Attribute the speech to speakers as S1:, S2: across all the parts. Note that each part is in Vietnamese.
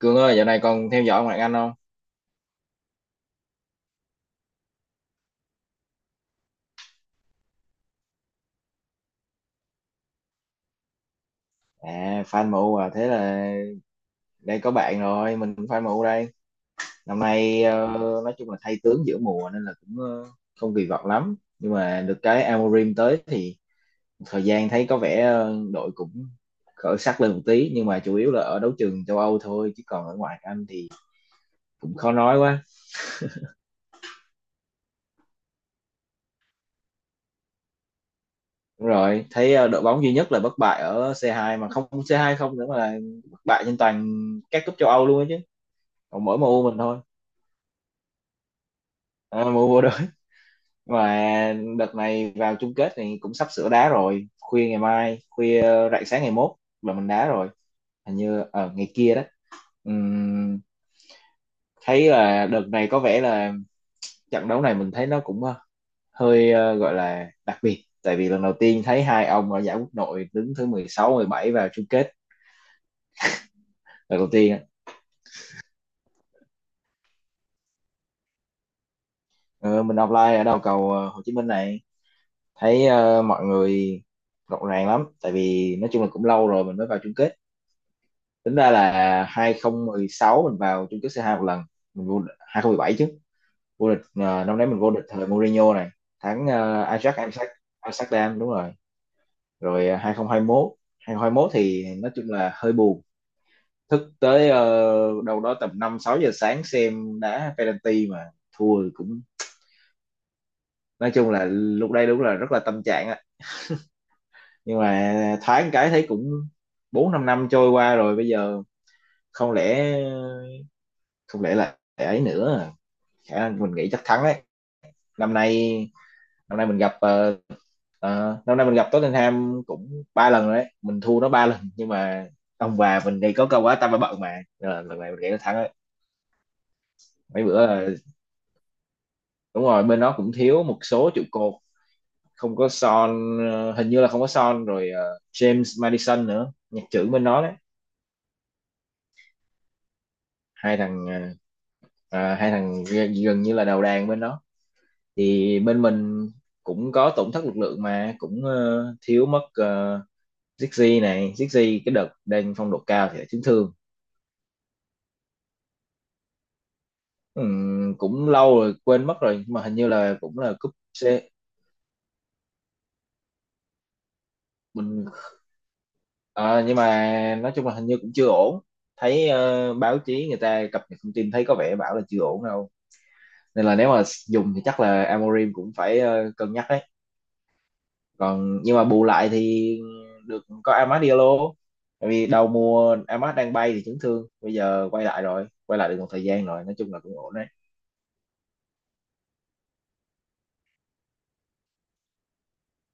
S1: Cương ơi, dạo này còn theo dõi ngoại hạng Anh không? À, fan MU à, thế là đây có bạn rồi, mình cũng fan MU đây. Năm nay nói chung là thay tướng giữa mùa nên là cũng không kỳ vọng lắm. Nhưng mà được cái Amorim tới thì thời gian thấy có vẻ đội cũng khởi sắc lên một tí, nhưng mà chủ yếu là ở đấu trường châu Âu thôi, chứ còn ở ngoại hạng Anh thì cũng khó nói quá. Đúng rồi, thấy đội bóng duy nhất là bất bại ở C2, mà không C2 không nữa mà là bất bại trên toàn các cúp châu Âu luôn á chứ. Còn mỗi MU mình thôi. À, MU vô và đợt này vào chung kết thì cũng sắp sửa đá rồi, khuya ngày mai, khuya rạng sáng ngày mốt là mình đá rồi, hình như ở ngày kia đó. Ừm, thấy là đợt này có vẻ là trận đấu này mình thấy nó cũng hơi gọi là đặc biệt, tại vì lần đầu tiên thấy hai ông ở giải quốc nội đứng thứ 16, 17 vào chung kết lần đầu tiên á. Ờ, mình offline ở đầu cầu Hồ Chí Minh này, thấy mọi người rộn ràng lắm, tại vì nói chung là cũng lâu rồi mình mới vào chung kết. Tính ra là 2016 mình vào chung kết C2 một lần, mình 2017 chứ, vô địch năm đấy mình vô địch thời Mourinho này, thắng Ajax Amsterdam. Amsterdam, đúng rồi. Rồi 2021 thì nói chung là hơi buồn, thức tới đâu đó tầm 5 6 giờ sáng xem đá penalty mà thua, cũng nói chung là lúc đây đúng là rất là tâm trạng á, nhưng mà thoáng cái thấy cũng 4 5 năm trôi qua rồi bây giờ, không lẽ không lẽ là ấy nữa à. Khả năng mình nghĩ chắc thắng đấy. năm nay năm nay mình gặp năm nay mình gặp Tottenham cũng 3 lần rồi đấy, mình thua nó 3 lần, nhưng mà ông bà mình thì có câu quá tao phải bận mà. Nên là lần này mình nghĩ nó thắng đấy, mấy bữa là đúng rồi, bên nó cũng thiếu một số trụ cột. Không có Son, hình như là không có Son rồi, James Madison nữa, nhạc trưởng bên nó đấy. hai thằng hai thằng gần như là đầu đàn bên đó, thì bên mình cũng có tổn thất lực lượng mà cũng thiếu mất Zixi này, Zixi cái đợt đang phong độ cao thì lại chấn thương. Cũng lâu rồi quên mất rồi, nhưng mà hình như là cũng là cúp C mình. Ờ, nhưng mà nói chung là hình như cũng chưa ổn, thấy báo chí người ta cập nhật thông tin thấy có vẻ bảo là chưa ổn đâu, nên là nếu mà dùng thì chắc là Amorim cũng phải cân nhắc đấy. Còn nhưng mà bù lại thì được có Amad Diallo, tại vì đầu mùa Amad đang bay thì chấn thương, bây giờ quay lại rồi, quay lại được một thời gian rồi, nói chung là cũng ổn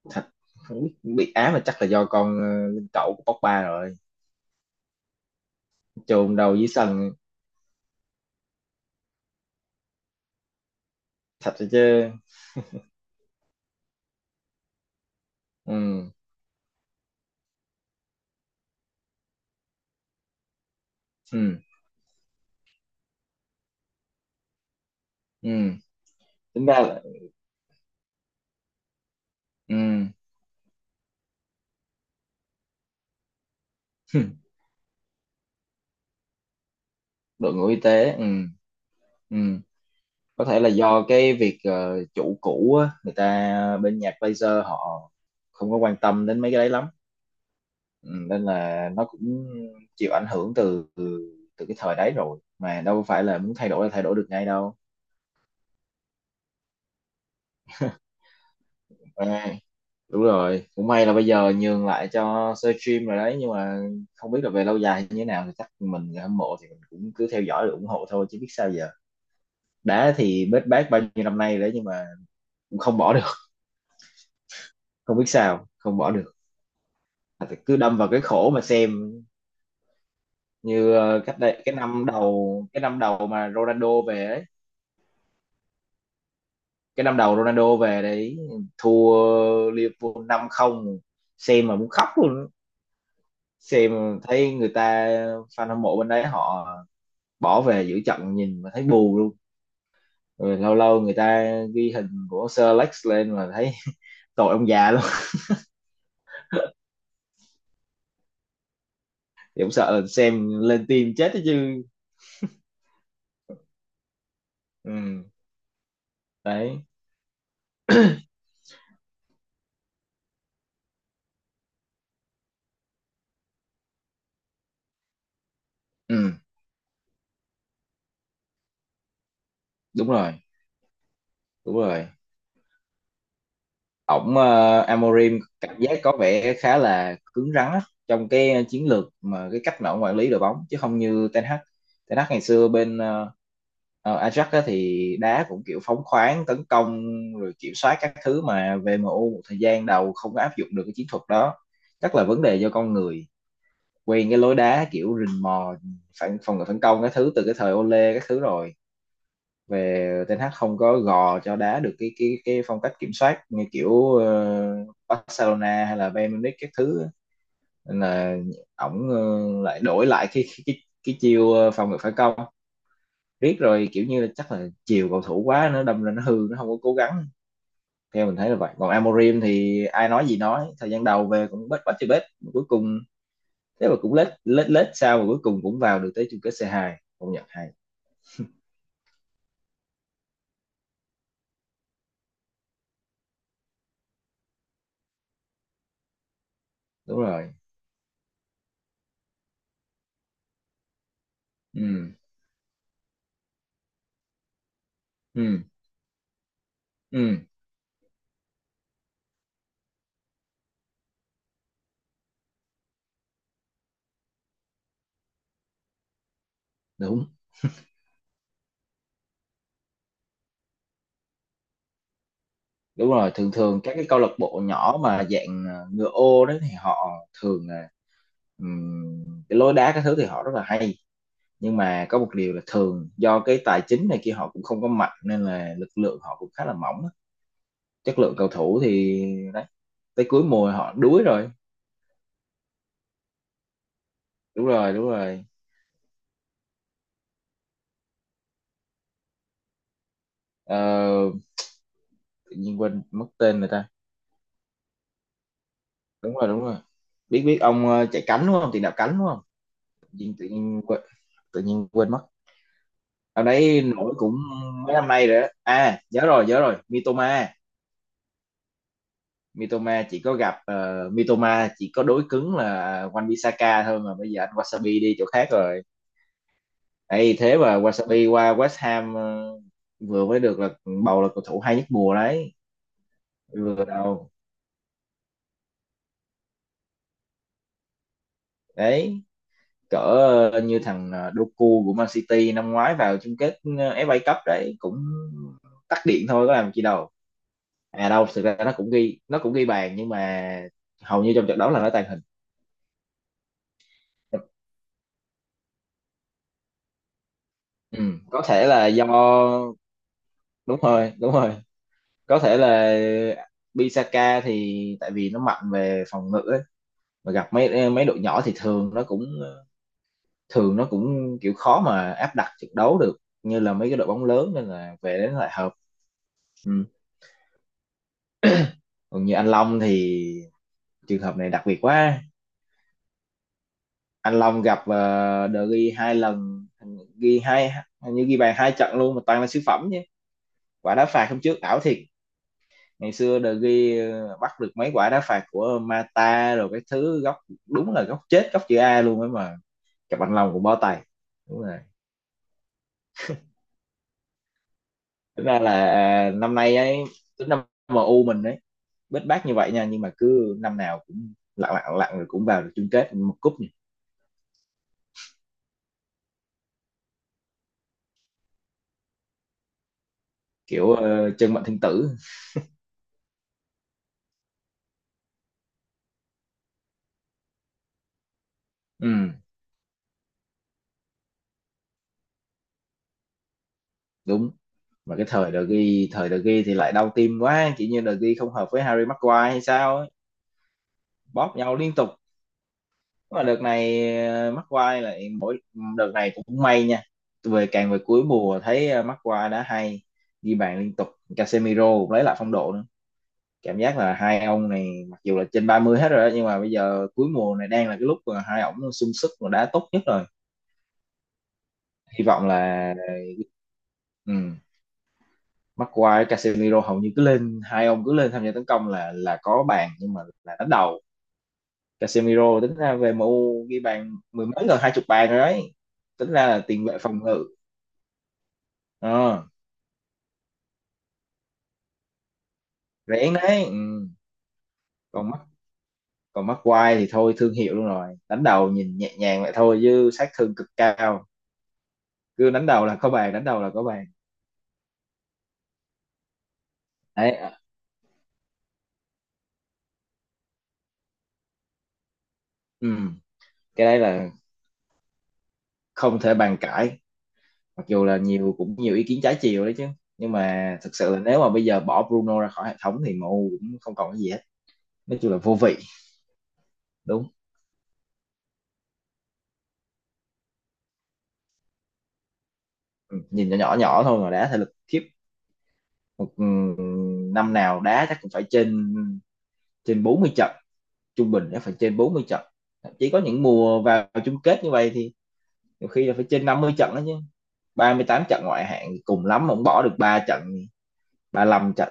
S1: thật. Không biết bị ám mà chắc là do con linh cẩu của Pogba rồi, chôn đầu dưới sân thật rồi chứ. Ừ, ừ, ừ, tính ra là ừ, đội ngũ y tế, ừ, ừ, có thể là do cái việc chủ cũ á, người ta bên nhạc laser họ không có quan tâm đến mấy cái đấy lắm. Ừ, nên là nó cũng chịu ảnh hưởng từ từ từ cái thời đấy rồi, mà đâu phải là muốn thay đổi là thay đổi được ngay đâu. Ừ. Đúng rồi, cũng may là bây giờ nhường lại cho sơ stream rồi đấy, nhưng mà không biết là về lâu dài như thế nào, thì chắc mình người hâm mộ thì mình cũng cứ theo dõi rồi ủng hộ thôi chứ biết sao giờ. Đá thì bết bát bao nhiêu năm nay rồi đấy, nhưng mà cũng không bỏ được, không biết sao không bỏ được. Mà thì cứ đâm vào cái khổ mà xem, như cách đây cái năm đầu mà Ronaldo về ấy, cái năm đầu Ronaldo về đấy, thua Liverpool 5-0, xem mà muốn khóc luôn. Xem thấy người ta, fan hâm mộ bên đấy họ bỏ về giữa trận, nhìn mà thấy bù luôn. Rồi lâu lâu người ta ghi hình của Sir Alex lên mà thấy tội ông già luôn. Thì cũng sợ xem lên tim chết đó chứ. Ừ, đấy, ừ, đúng rồi, đúng rồi, ổng Amorim cảm giác có vẻ khá là cứng rắn á, trong cái chiến lược mà cái cách mà ổng quản lý đội bóng, chứ không như Ten Hag. Ten Hag ngày xưa bên Ajax á, thì đá cũng kiểu phóng khoáng tấn công rồi kiểm soát các thứ, mà VMU một thời gian đầu không có áp dụng được cái chiến thuật đó. Chắc là vấn đề do con người quen cái lối đá kiểu rình mò, phản phòng ngự phản công các thứ từ cái thời Ole các thứ rồi, về Ten hát không có gò cho đá được cái phong cách kiểm soát như kiểu Barcelona hay là Bayern Munich các thứ á. Nên là ổng lại đổi lại cái chiêu phòng ngự phản công, riết rồi kiểu như là chắc là chiều cầu thủ quá, nó đâm ra nó hư, nó không có cố gắng. Theo mình thấy là vậy, còn Amorim thì ai nói gì nói, thời gian đầu về cũng bết, bết chơi bết cuối cùng, thế mà cũng lết lết lết sao mà cuối cùng cũng vào được tới chung kết C2, công nhận hay. Đúng rồi, ừ, ừ, ừ, đúng, đúng rồi, thường thường các cái câu lạc bộ nhỏ mà dạng ngựa ô đấy thì họ thường là, cái lối đá các thứ thì họ rất là hay. Nhưng mà có một điều là thường do cái tài chính này kia họ cũng không có mạnh, nên là lực lượng họ cũng khá là mỏng á. Chất lượng cầu thủ thì đấy, tới cuối mùa họ đuối rồi. Đúng rồi, đúng rồi. Ờ, tự nhiên quên mất tên người ta. Đúng rồi, đúng rồi, biết, biết ông chạy cánh đúng không, tiền đạo cánh đúng không. Tự nhiên tự nhiên quên mất. Dạo đấy nổi cũng mấy năm nay rồi đó. À, nhớ rồi, nhớ rồi. Mitoma. Mitoma chỉ có gặp ờ, Mitoma chỉ có đối cứng là Wan Bissaka thôi, mà bây giờ anh Wasabi đi chỗ khác rồi. Ê, thế mà Wasabi qua West Ham vừa mới được là bầu là cầu thủ hay nhất mùa đấy. Vừa đầu. Đấy, cỡ như thằng Doku của Man City năm ngoái vào chung kết FA Cup đấy, cũng tắt điện thôi, có làm chi đâu. À đâu, thực ra nó cũng ghi, nó cũng ghi bàn, nhưng mà hầu như trong trận đấu là nó tàng hình. Ừ, có thể là do đúng rồi, đúng rồi, có thể là Bisaka thì tại vì nó mạnh về phòng ngự ấy. Mà gặp mấy mấy đội nhỏ thì thường nó cũng kiểu khó mà áp đặt trận đấu được như là mấy cái đội bóng lớn, nên là về đến lại hợp. Ừ. Còn như anh Long thì trường hợp này đặc biệt quá, anh Long gặp De Gea 2 lần, ghi hai, hình như ghi bàn 2 trận luôn mà toàn là siêu phẩm chứ. Quả đá phạt hôm trước ảo thiệt. Ngày xưa De ghi bắt được mấy quả đá phạt của Mata rồi cái thứ góc, đúng là góc chết góc chữ A luôn ấy, mà cặp anh Long cũng bó tay. Đúng rồi. Tính ra là à, năm nay ấy, tính năm MU mình ấy, bết bát như vậy nha, nhưng mà cứ năm nào cũng lặng lặng lặng rồi cũng vào được chung kết một cúp nhỉ. Kiểu chân mệnh thiên tử. Ừ, đúng, mà cái thời De Gea, thời De Gea thì lại đau tim quá, kiểu như De Gea không hợp với Harry Maguire hay sao ấy, bóp nhau liên tục, mà đợt này McQuarrie lại mỗi, đợt này cũng may nha, về càng về cuối mùa thấy McQuarrie đã hay, ghi bàn liên tục. Casemiro cũng lấy lại phong độ nữa, cảm giác là hai ông này mặc dù là trên 30 hết rồi đó, nhưng mà bây giờ cuối mùa này đang là cái lúc mà hai ổng sung sức và đá tốt nhất rồi. Hy vọng là, ừ, McQuarrie Casemiro hầu như cứ lên, hai ông cứ lên tham gia tấn công là có bàn, nhưng mà là đánh đầu. Casemiro tính ra về MU ghi bàn mười mấy gần 20 bàn rồi đấy, tính ra là tiền vệ phòng ngự. Ờ, rẻ đấy, ừ. Còn mắc, còn mắc quai thì thôi thương hiệu luôn rồi, đánh đầu nhìn nhẹ nhàng vậy thôi chứ sát thương cực cao, cứ đánh đầu là có bàn, đánh đầu là có bàn. Đấy, ờ, ừ, cái đấy là không thể bàn cãi. Mặc dù là nhiều cũng nhiều ý kiến trái chiều đấy chứ, nhưng mà thực sự là nếu mà bây giờ bỏ Bruno ra khỏi hệ thống thì MU cũng không còn cái gì hết, nói chung là vô vị. Đúng. Ừ, nhìn nhỏ nhỏ nhỏ thôi mà đá thể lực khiếp. Một năm nào đá chắc cũng phải trên trên 40 trận, trung bình chắc phải trên 40 trận. Chỉ có những mùa vào chung kết như vậy thì nhiều khi là phải trên 50 trận đó chứ. 38 trận ngoại hạng cùng lắm mà bỏ được 3 trận, 35 trận.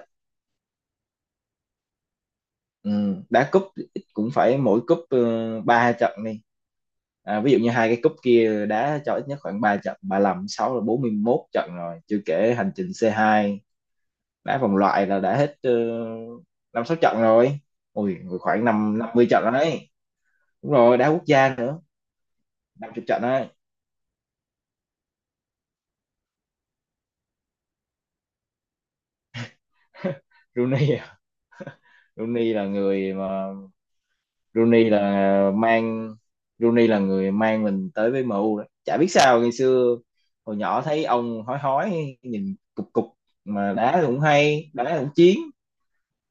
S1: Ừ. Đá cúp cũng phải mỗi cúp ừ, 3 trận đi. À, ví dụ như hai cái cúp kia đá cho ít nhất khoảng 3 trận, 35 6 là 41 trận rồi, chưa kể hành trình c hai, đá vòng loại là đã hết 5 6 trận rồi. Ui khoảng năm 50 trận rồi đấy, đúng rồi đá quốc gia nữa, 50 trận đấy. Rooney à? Rooney là người mà Rooney là mang Rooney là người mang mình tới với MU đấy, chả biết sao ngày xưa hồi nhỏ thấy ông hói hói nhìn cục cục, mà đá cũng hay, đá cũng chiến,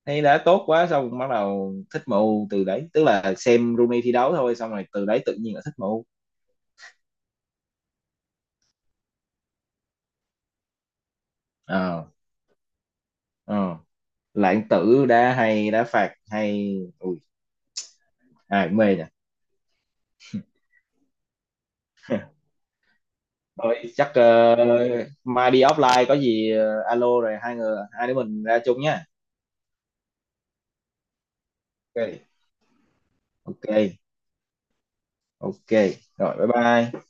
S1: thấy đá tốt quá xong bắt đầu thích MU từ đấy, tức là xem Rooney thi đấu thôi xong rồi từ đấy tự nhiên là thích MU. Ờ, ờ, lãng tử, đá hay, đá phạt hay, ui ai cũng mê nhỉ. Thôi chắc mai đi offline có gì alo rồi hai người hai đứa mình ra chung nhá. Ok, ok, ok, rồi bye bye.